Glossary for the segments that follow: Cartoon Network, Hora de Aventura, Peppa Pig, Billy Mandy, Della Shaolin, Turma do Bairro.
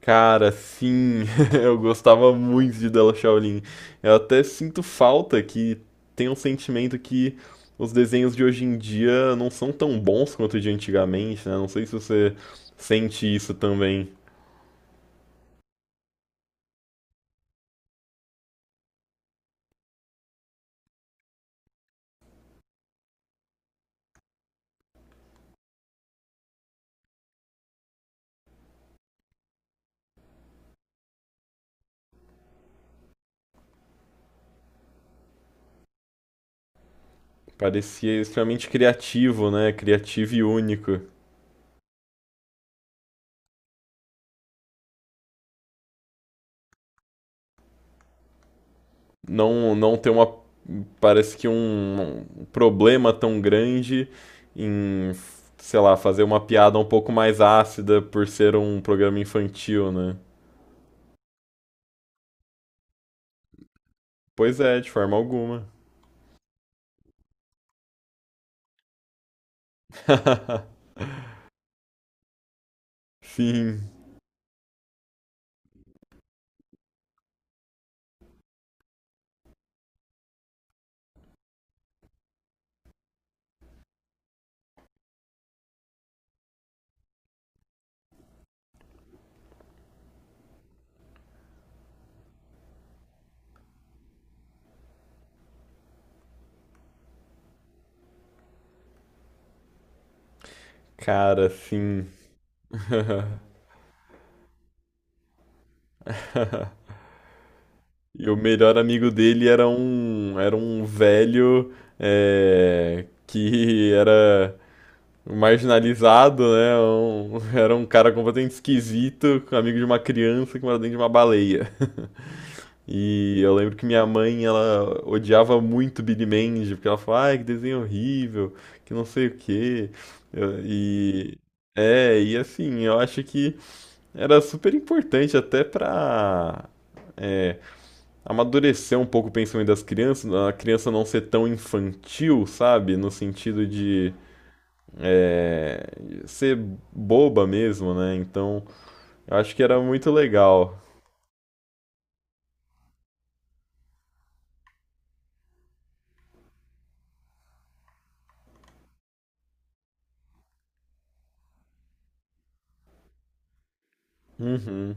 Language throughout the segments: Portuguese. Cara, sim, eu gostava muito de Della Shaolin. Eu até sinto falta que tem um sentimento que os desenhos de hoje em dia não são tão bons quanto de antigamente, né? Não sei se você sente isso também. Parecia extremamente criativo, né? Criativo e único. Não, não ter uma, parece que um problema tão grande em, sei lá, fazer uma piada um pouco mais ácida por ser um programa infantil, né? Pois é, de forma alguma. Sim, cara, sim. E o melhor amigo dele era um velho que era marginalizado, né? Um- era um cara completamente esquisito, amigo de uma criança que mora dentro de uma baleia. E eu lembro que minha mãe, ela odiava muito Billy Mandy, porque ela falava, ai, que desenho horrível, que não sei o quê. Eu- e e assim, eu acho que era super importante até pra é, amadurecer um pouco o pensamento das crianças, a criança não ser tão infantil, sabe? No sentido de é, ser boba mesmo, né? Então, eu acho que era muito legal. Uhum,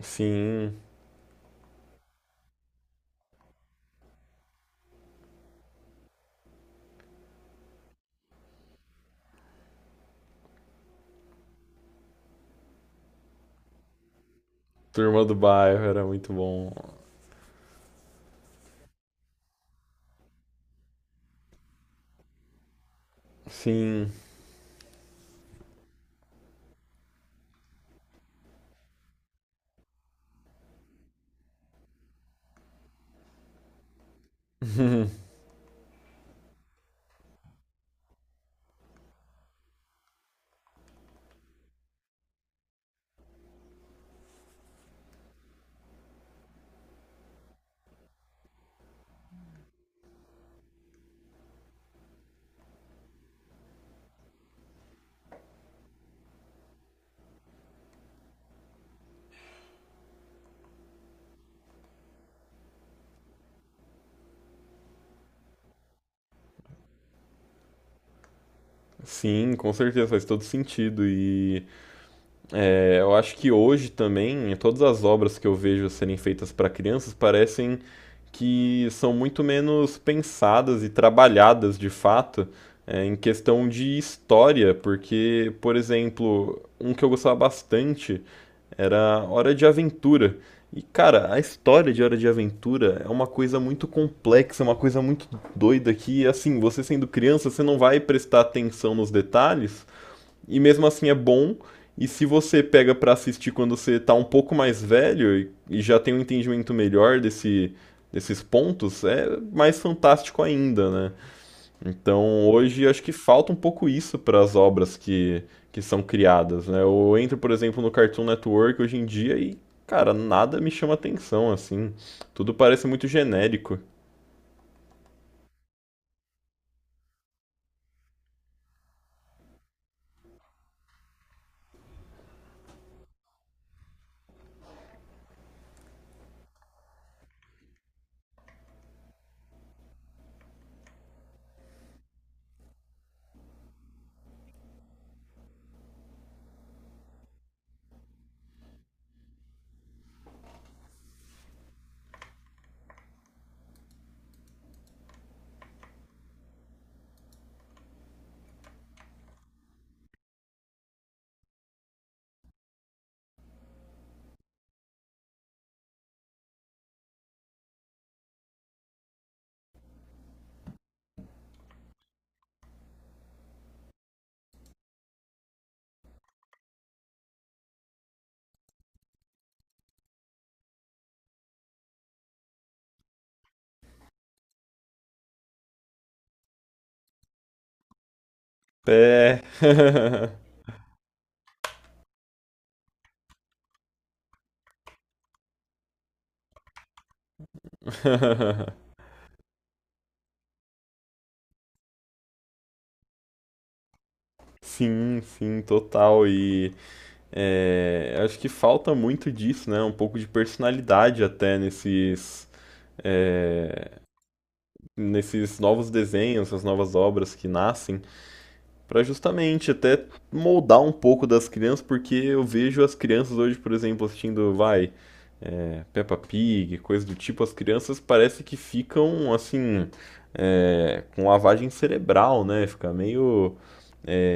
sim. Turma do Bairro era muito bom. Sim, sim, com certeza, faz todo sentido. E eu acho que hoje também, todas as obras que eu vejo serem feitas para crianças parecem que são muito menos pensadas e trabalhadas de fato em questão de história, porque, por exemplo, um que eu gostava bastante era Hora de Aventura. E, cara, a história de Hora de Aventura é uma coisa muito complexa, é uma coisa muito doida que, assim, você sendo criança, você não vai prestar atenção nos detalhes, e mesmo assim é bom. E se você pega pra assistir quando você tá um pouco mais velho e já tem um entendimento melhor desse, desses pontos, é mais fantástico ainda, né? Então, hoje acho que falta um pouco isso para as obras que são criadas, né? Eu entro, por exemplo, no Cartoon Network hoje em dia e, cara, nada me chama atenção, assim. Tudo parece muito genérico. É. Sim, sim, total. E acho que falta muito disso, né? Um pouco de personalidade até nesses, é, nesses novos desenhos, essas novas obras que nascem. Para justamente até moldar um pouco das crianças, porque eu vejo as crianças hoje, por exemplo, assistindo, vai, Peppa Pig, coisa do tipo, as crianças parece que ficam, assim, com lavagem cerebral, né? Fica meio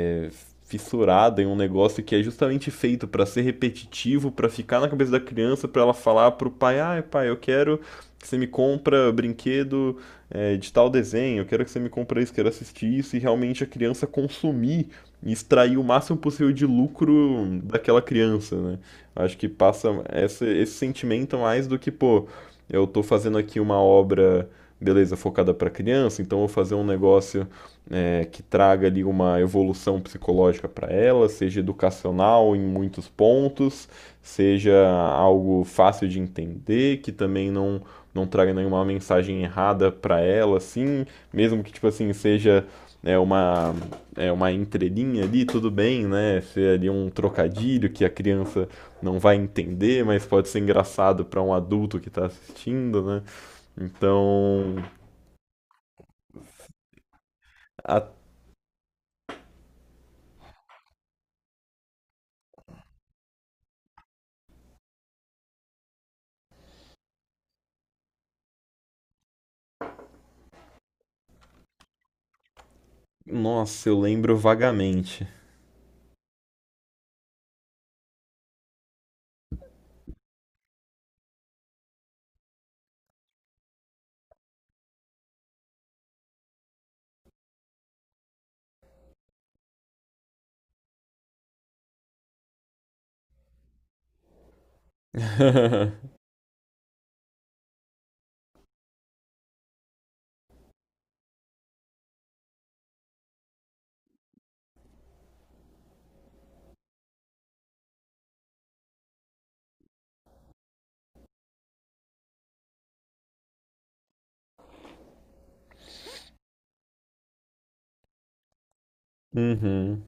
é, fissurada em um negócio que é justamente feito para ser repetitivo, para ficar na cabeça da criança, para ela falar pro pai: "Ah, pai, eu quero que você me compra brinquedo de tal desenho, eu quero que você me compra isso, quero assistir isso", e realmente a criança consumir e extrair o máximo possível de lucro daquela criança, né? Acho que passa essa- esse sentimento mais do que, pô, eu tô fazendo aqui uma obra, beleza, focada para criança, então eu vou fazer um negócio que traga ali uma evolução psicológica para ela, seja educacional em muitos pontos, seja algo fácil de entender, que também não, não traga nenhuma mensagem errada para ela, assim, mesmo que tipo assim seja é uma é uma entrelinha ali, tudo bem, né? Ser ali um trocadilho que a criança não vai entender, mas pode ser engraçado para um adulto que está assistindo, né? Então, a- nossa, eu lembro vagamente. Uhum,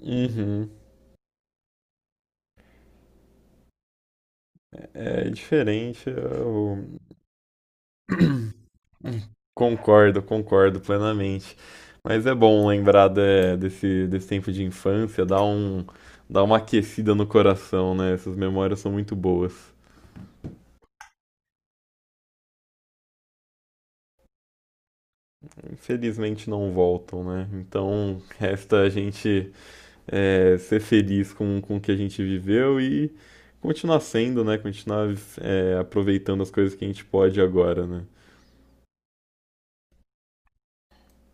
uhum. É diferente, eu concordo, concordo plenamente. Mas é bom lembrar de- desse, desse tempo de infância, dá um, dá uma aquecida no coração, né? Essas memórias são muito boas. Infelizmente não voltam, né? Então resta a gente ser feliz com o que a gente viveu e continuar sendo, né? Continuar aproveitando as coisas que a gente pode agora, né?